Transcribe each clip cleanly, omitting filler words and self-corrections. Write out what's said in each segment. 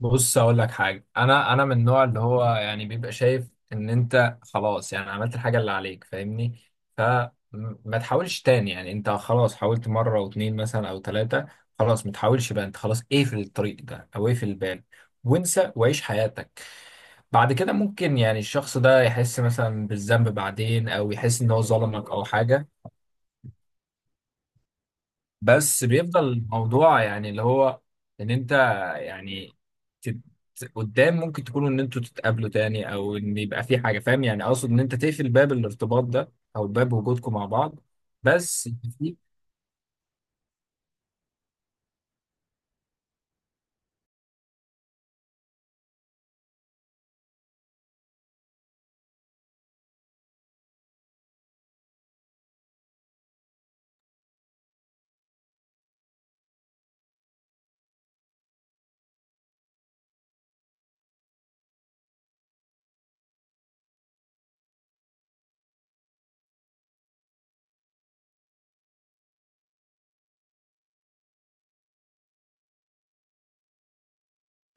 بص اقول لك حاجه انا من النوع اللي هو يعني بيبقى شايف ان انت خلاص يعني عملت الحاجه اللي عليك فاهمني. فما تحاولش تاني، يعني انت خلاص حاولت مره واتنين مثلا او ثلاثه. خلاص ما تحاولش بقى، انت خلاص اقفل الطريق ده او اقفل الباب وانسى وعيش حياتك. بعد كده ممكن يعني الشخص ده يحس مثلا بالذنب بعدين، او يحس ان هو ظلمك او حاجه. بس بيفضل الموضوع يعني اللي هو ان انت يعني تت... قدام ممكن تكونوا ان انتوا تتقابلوا تاني، او ان يبقى في حاجه، فاهم يعني؟ اقصد ان انت تقفل باب الارتباط ده او باب وجودكم مع بعض. بس في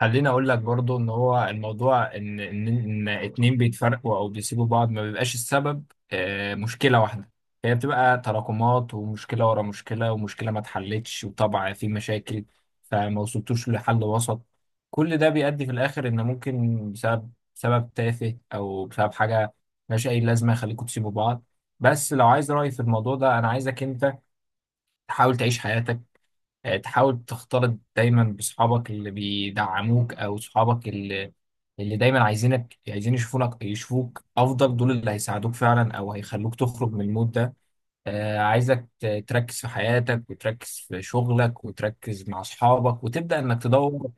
خليني اقول لك برضو ان هو الموضوع، ان اتنين بيتفرقوا او بيسيبوا بعض، ما بيبقاش السبب مشكله واحده. هي بتبقى تراكمات ومشكله ورا مشكله ومشكله ما اتحلتش، وطبعا في مشاكل فما وصلتوش لحل وسط. كل ده بيؤدي في الاخر ان ممكن بسبب سبب تافه او بسبب حاجه ملهاش اي لازمه يخليكوا تسيبوا بعض. بس لو عايز رايي في الموضوع ده، انا عايزك انت تحاول تعيش حياتك، تحاول تختلط دايما بصحابك اللي بيدعموك او صحابك اللي دايما عايزينك، عايزين يشوفونك يشوفوك افضل. دول اللي هيساعدوك فعلا او هيخلوك تخرج من المود ده. عايزك تركز في حياتك، وتركز في شغلك، وتركز مع اصحابك، وتبدا انك تدور.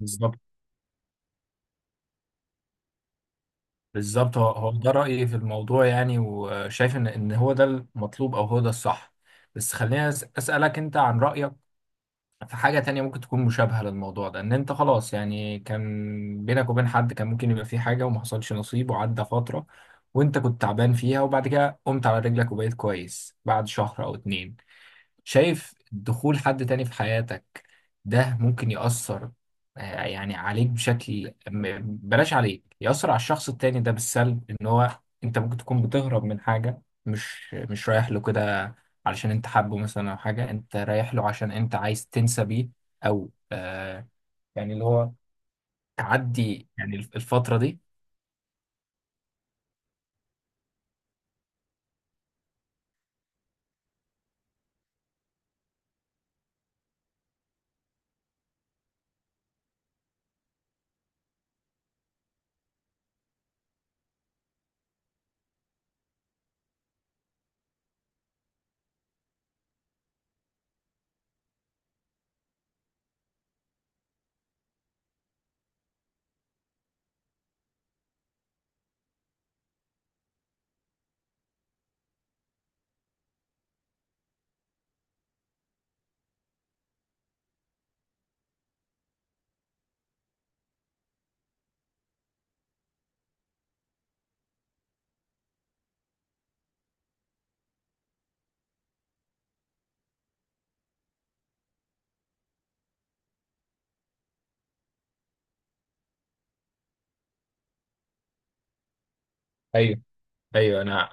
بالظبط، بالظبط، هو هو ده رايي في الموضوع يعني، وشايف ان هو ده المطلوب او هو ده الصح. بس خليني اسالك انت عن رايك في حاجة تانية ممكن تكون مشابهة للموضوع ده. ان انت خلاص يعني كان بينك وبين حد كان ممكن يبقى في حاجة وما حصلش نصيب، وعدى فترة وانت كنت تعبان فيها، وبعد كده قمت على رجلك وبقيت كويس بعد شهر او اتنين. شايف دخول حد تاني في حياتك ده ممكن يأثر يعني عليك بشكل بلاش عليك، يأثر على الشخص التاني ده بالسلب؟ ان هو انت ممكن تكون بتهرب من حاجة، مش رايح له كده علشان انت حابه مثلا، او حاجة انت رايح له عشان انت عايز تنسى بيه، او آه يعني اللي هو تعدي يعني الفترة دي. ايوه، ايوه. انا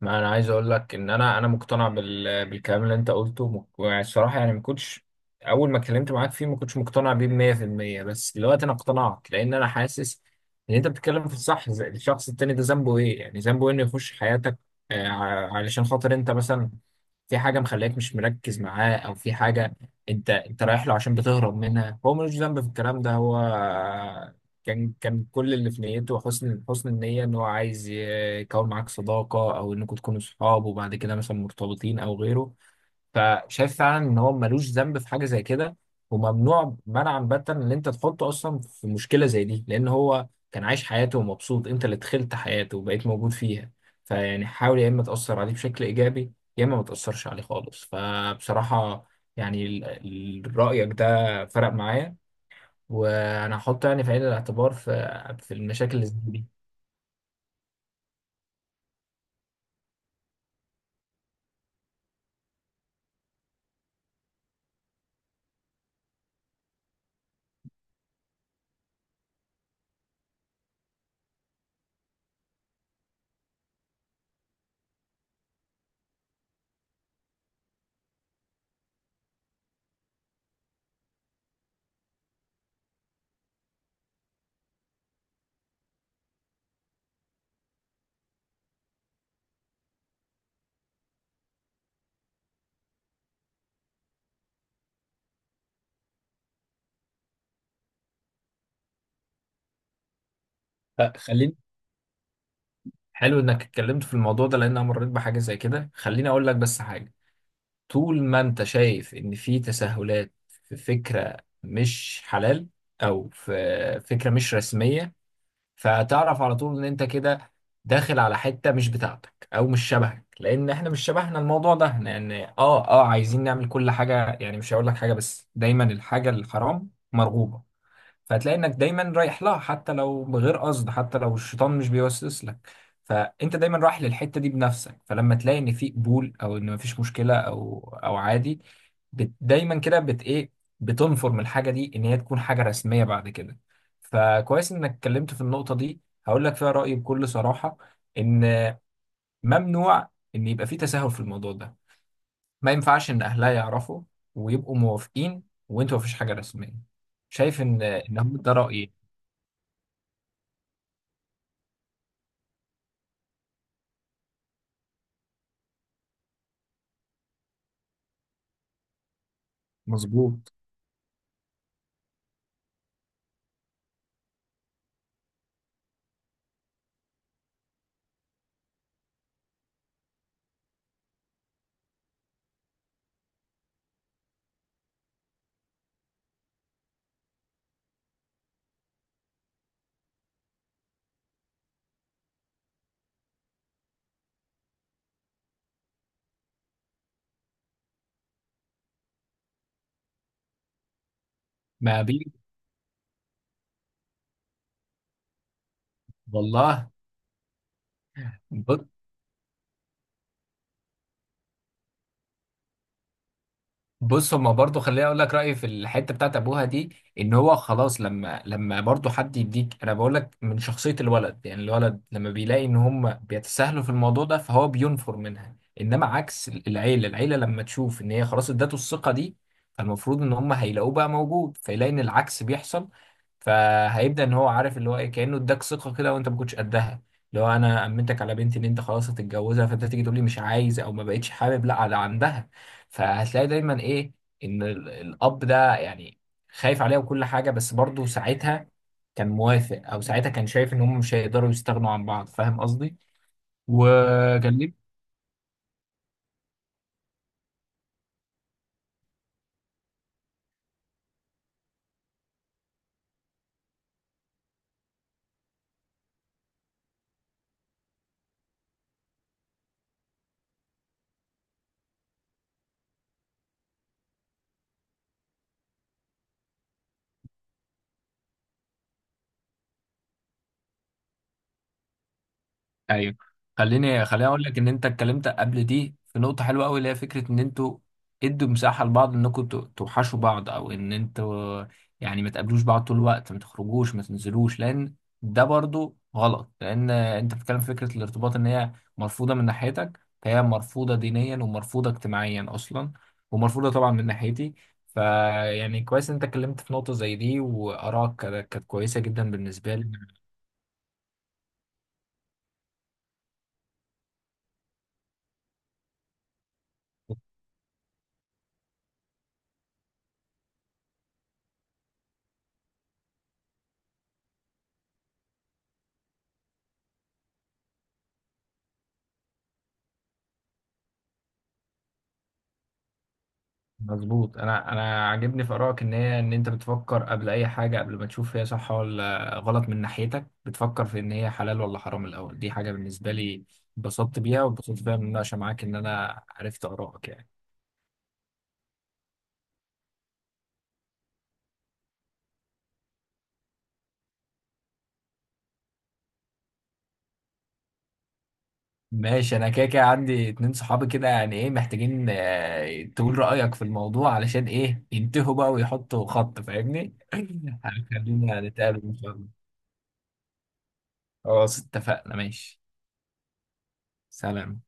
ما انا عايز اقول لك ان انا مقتنع بالكلام اللي انت قلته الصراحه. يعني ما كنتش اول ما اتكلمت معاك فيه ما كنتش مقتنع بيه 100%، بس دلوقتي انا اقتنعت لان انا حاسس ان انت بتتكلم في الصح. الشخص التاني ده ذنبه ايه؟ يعني ذنبه إيه انه يخش حياتك؟ علشان خاطر انت مثلا في حاجه مخليك مش مركز معاه، او في حاجه انت رايح له عشان بتهرب منها. هو ملوش ذنب في الكلام ده. هو كان كل اللي في نيته حسن النية، ان هو عايز يكون معاك صداقة، او انكم تكونوا صحاب وبعد كده مثلا مرتبطين او غيره. فشايف فعلا ان هو ملوش ذنب في حاجة زي كده، وممنوع منعا باتا ان انت تحطه اصلا في مشكلة زي دي، لان هو كان عايش حياته ومبسوط، انت اللي دخلت حياته وبقيت موجود فيها. فيعني حاول، يا اما تأثر عليه بشكل ايجابي، يا اما ما تأثرش عليه خالص. فبصراحة يعني رأيك ده فرق معايا، وانا هحط يعني في عين الاعتبار في المشاكل اللي زي دي. ف- خليني حلو انك اتكلمت في الموضوع ده، لان انا مريت بحاجه زي كده. خليني اقول لك بس حاجه: طول ما انت شايف ان في تساهلات في فكره مش حلال، او في فكره مش رسميه، فتعرف على طول ان انت كده داخل على حته مش بتاعتك او مش شبهك. لان احنا مش شبهنا الموضوع ده، لان عايزين نعمل كل حاجه يعني. مش هقول لك حاجه، بس دايما الحاجه الحرام مرغوبه، فهتلاقي انك دايما رايح لها حتى لو بغير قصد، حتى لو الشيطان مش بيوسوس لك. فانت دايما رايح للحته دي بنفسك، فلما تلاقي ان في قبول، او ان مفيش مشكله، او عادي، بت دايما كده، بت ايه، بتنفر الحاجه دي ان هي تكون حاجه رسميه بعد كده. فكويس انك اتكلمت في النقطه دي. هقول لك فيها رايي بكل صراحه، ان ممنوع ان يبقى في تساهل في الموضوع ده. ما ينفعش ان اهلها يعرفوا ويبقوا موافقين، وانتوا مفيش حاجه رسميه. شايف؟ ان ده رايي. مظبوط. ما بي والله. بص، هما برضو. خليني اقول لك رايي في الحته بتاعت ابوها دي. ان هو خلاص، لما برضو حد يديك، انا بقول لك من شخصيه الولد يعني. الولد لما بيلاقي ان هم بيتساهلوا في الموضوع ده فهو بينفر منها، انما عكس العيله. العيله لما تشوف ان هي خلاص ادته الثقه دي، فالمفروض ان هم هيلاقوه بقى موجود، فيلاقي ان العكس بيحصل. فهيبدا ان هو عارف اللي هو ايه، كانه اداك ثقه كده وانت ما كنتش قدها. اللي هو انا امنتك على بنتي ان انت خلاص هتتجوزها، فانت تيجي تقول لي مش عايز او ما بقتش حابب، لا على عندها. فهتلاقي دايما ايه، ان الاب ده يعني خايف عليها وكل حاجه، بس برضه ساعتها كان موافق، او ساعتها كان شايف ان هم مش هيقدروا يستغنوا عن بعض، فاهم قصدي؟ وكان ليه. ايوه. خليني اقول لك ان انت اتكلمت قبل دي في نقطه حلوه قوي، اللي هي فكره ان انتوا ادوا مساحه لبعض انكم توحشوا بعض، او ان انتوا يعني ما تقابلوش بعض طول الوقت، ما تخرجوش، ما تنزلوش، لان ده برضو غلط. لان انت بتتكلم في فكره الارتباط ان هي مرفوضه من ناحيتك، فهي مرفوضه دينيا ومرفوضه اجتماعيا اصلا، ومرفوضه طبعا من ناحيتي. فيعني كويس ان انت اتكلمت في نقطه زي دي، وارائك كانت كويسه جدا بالنسبه لي. مظبوط. انا عاجبني في ارائك ان هي ان انت بتفكر قبل اي حاجه، قبل ما تشوف هي صح ولا غلط من ناحيتك، بتفكر في ان هي حلال ولا حرام الاول. دي حاجه بالنسبه لي اتبسطت بيها واتبسطت بيها من المناقشه معاك، ان انا عرفت ارائك يعني. ماشي، انا كده كده عندي اتنين صحابي كده، يعني ايه، محتاجين تقول رايك في الموضوع علشان ايه ينتهوا بقى ويحطوا خط، فاهمني؟ هنخلينا نتقابل ان شاء الله. خلاص، اتفقنا، ماشي. سلام.